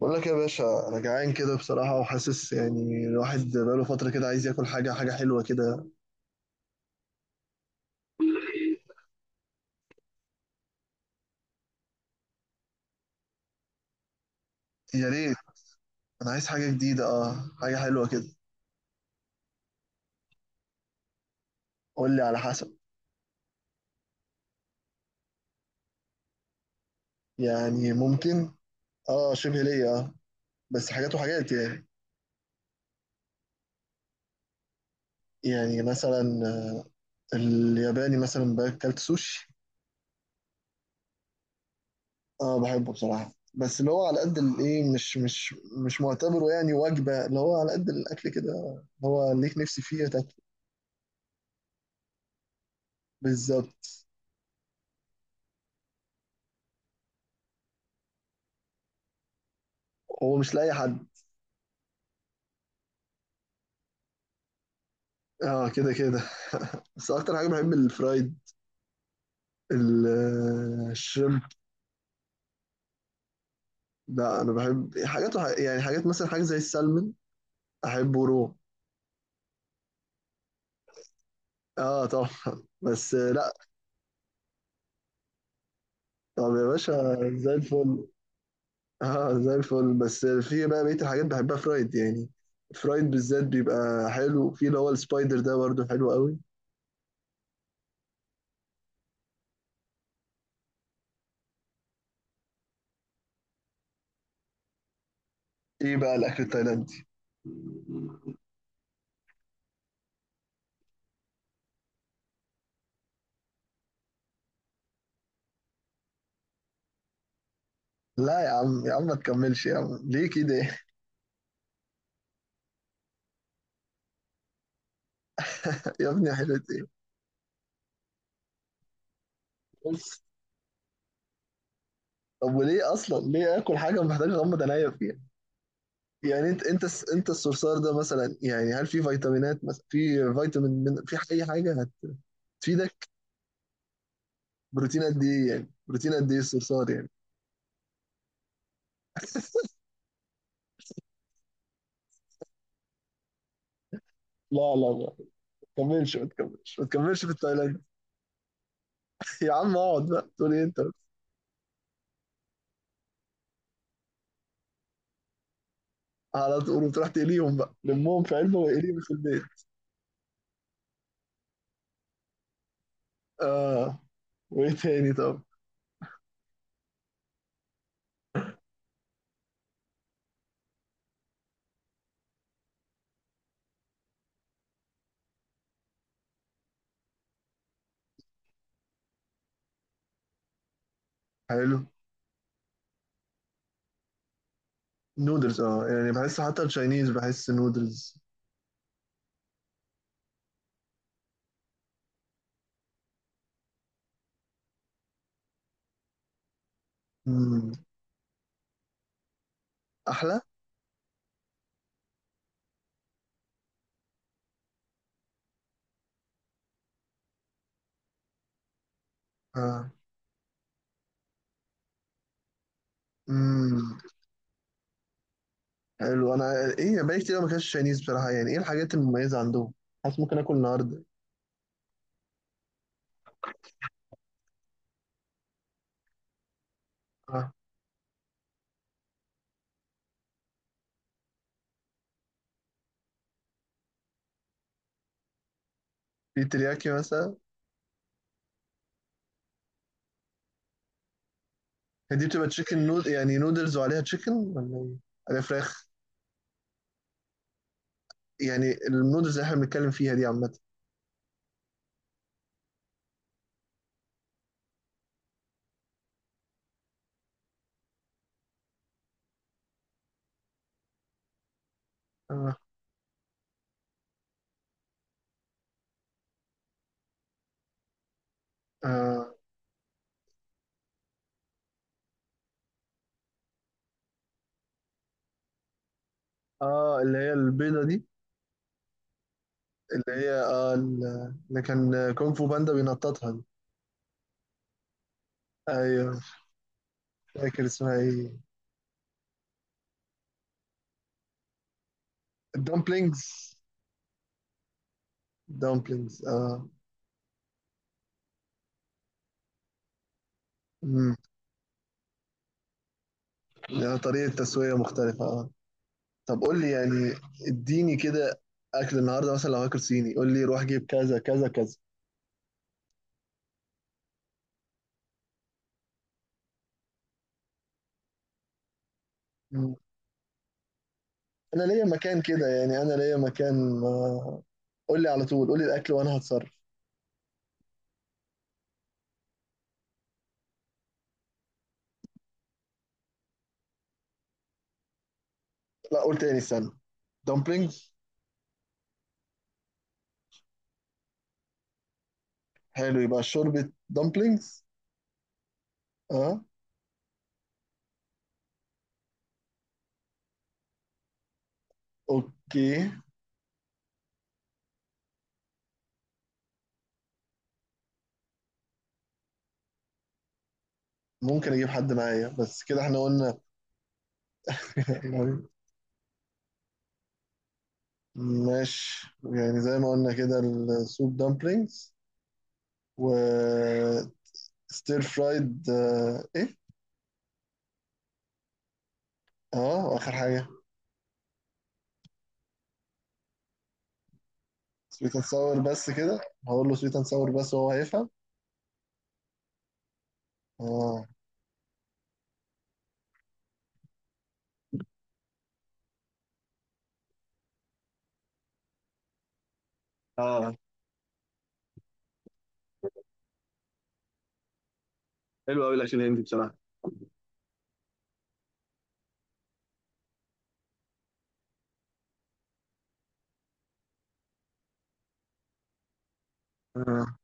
بقول لك يا باشا، انا جعان كده بصراحه، وحاسس يعني الواحد بقاله فتره كده عايز ياكل حاجه حلوه كده. يا ريت. انا عايز حاجه جديده، اه، حاجه حلوه كده. قول لي على حسب. يعني ممكن. اه، شبه ليا، اه، بس حاجات وحاجات يعني. يعني مثلا، الياباني مثلا باكلت سوشي. اه بحبه بصراحه، بس اللي هو على قد الايه، مش معتبره يعني وجبه، اللي هو على قد الاكل كده، اللي هو ليك نفسي فيه تاكل. بالظبط. هو مش لاي حد. اه كده كده. بس اكتر حاجه بحب الفرايد، الشrimب. لا، انا بحب حاجات يعني حاجات مثلا، حاجه زي السلمون احبه رو. اه طبعا. بس لا. طب يا باشا، زي الفل. اه زي الفل، بس في بقى بقيه الحاجات بحبها فرايد يعني. فرايد بالذات بيبقى حلو، في اللي هو السبايدر ده برضه حلو قوي. ايه بقى الاكل التايلاندي؟ لا يا عم، يا عم ما تكملش، يا عم ليه كده؟ يا ابني حلو. ايه؟ طب وليه اصلا، ليه اكل حاجه محتاج اغمض عينيا فيها؟ يعني انت، انت الصرصار ده مثلا، يعني هل في فيتامينات مثلا، في فيتامين من، في اي حاجه هتفيدك؟ بروتين قد ايه يعني، بروتين قد ايه الصرصار يعني؟ لا لا لا، ما تكملش، ما تكملش، ما تكملش في التايلاند. يا عم اقعد بقى، تقول ايه انت بس؟ على طول، وتروح تقليهم بقى، لمهم في علبه وقليهم في البيت. اه، وايه تاني طب؟ حلو. نودلز، يعني بحس حتى التشاينيز بحس نودلز. امم. احلى. اه. امم. حلو، انا ايه بقالي كتير ما اكلتش تشاينيز بصراحه، يعني ايه الحاجات المميزه عندهم؟ حاسس ممكن اكل النهارده. اه. في ترياكي مثلا؟ هي دي بتبقى تشيكن نود يعني نودلز، وعليها تشيكن ولا ايه؟ عليها فراخ. يعني النودلز اللي احنا بنتكلم فيها دي عامه. اه، اه، اه، اللي هي البيضه دي، اللي هي اللي كان كونغ فو باندا بينططها دي. ايوه. مش فاكر اسمها ايه. الدمبلينجز. دمبلينجز، اه. امم. يعني طريقه تسويه مختلفه، اه. طب قول لي يعني، اديني كده، اكل النهارده مثلا لو هاكل صيني قول لي، روح جيب كذا كذا كذا. مم. انا ليا مكان كده، يعني انا ليا مكان. قول لي على طول، قول لي الاكل وانا هتصرف. لا، قول تاني، استنى. دمبلينجز. حلو، يبقى شوربة دمبلينجز. اه. اوكي. ممكن اجيب حد معايا، بس كده احنا قلنا. يعني. ماشي، يعني زي ما قلنا كده، السوب دمبلينجز، و ستير فرايد، ايه. اه، واخر حاجة، سويت اند ساور بس كده. هقول له سويت اند ساور بس، وهو هيفهم. اه. اه. حلو قوي الاكل الهندي بصراحه. آه.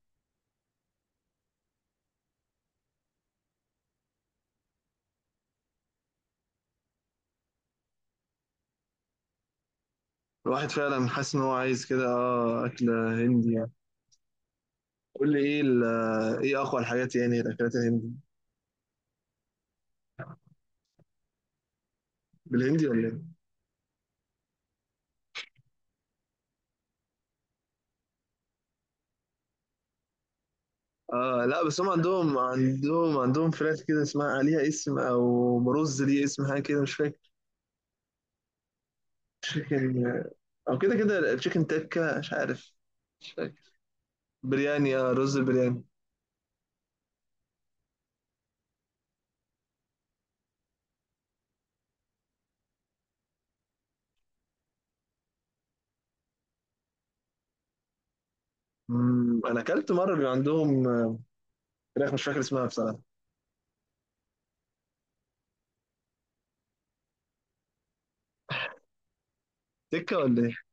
الواحد فعلا حاسس ان هو عايز كده، اكل هندي يعني. قول لي ايه ايه اقوى الحاجات يعني، الاكلات الهندي؟ بالهندي ولا ايه؟ اه لا، بس هم عندهم فراخ كده، اسمها عليها اسم، او برز ليه اسم حاجه كده مش فاكر. تشيكن، او كده كده تشيكن تكه مش عارف، مش فاكر. برياني. اه، رز البرياني. مم، انا اكلت مره بيبقى عندهم فراخ مش فاكر اسمها بصراحه. سكة ولا ايه؟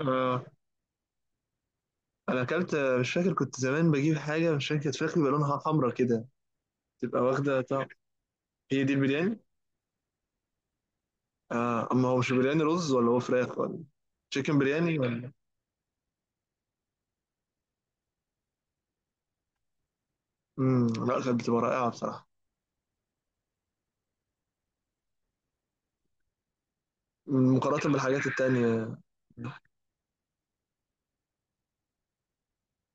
اه، انا اكلت، مش فاكر، كنت زمان بجيب حاجة مش فاكر، كانت فراخ بيبقى لونها حمرا كده، تبقى واخدة طعم. هي دي البرياني؟ اه، اما هو مش برياني، رز ولا هو فراخ ولا؟ تشيكن برياني ولا؟ امم، لا، كانت بتبقى رائعة بصراحة، مقارنة بالحاجات التانية.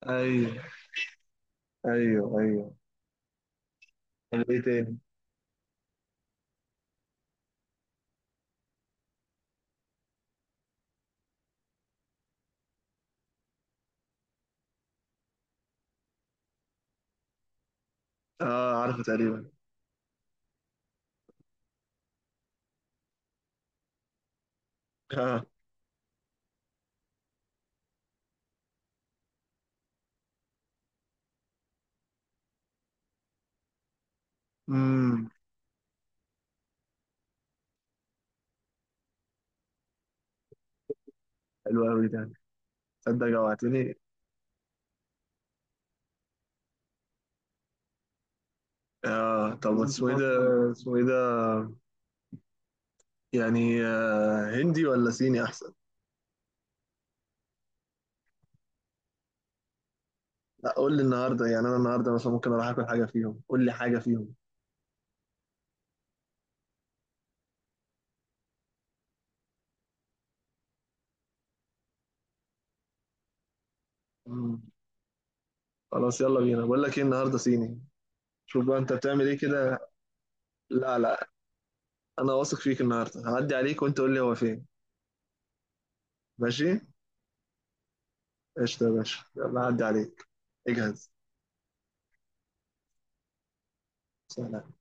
ايوه، ايوه، ايوه. طب ايه تاني؟ اه عارفه تقريبا. اه. امم. حلو قوي ده. تصدق جوعتني. اه طب، اسمه ايه ده؟ اسمه ايه ده؟ يعني هندي ولا صيني احسن؟ لا، قول لي النهارده يعني، انا النهارده مثلا ممكن اروح اكل حاجه فيهم، قول لي حاجه فيهم. مم. خلاص، يلا بينا، بقول لك ايه، النهارده صيني. شوف بقى انت بتعمل ايه كده. لا لا، انا واثق فيك، النهارده هعدي عليك وانت قول لي هو فين. ماشي. قشطه يا باشا، يلا هعدي عليك، اجهز. سلام.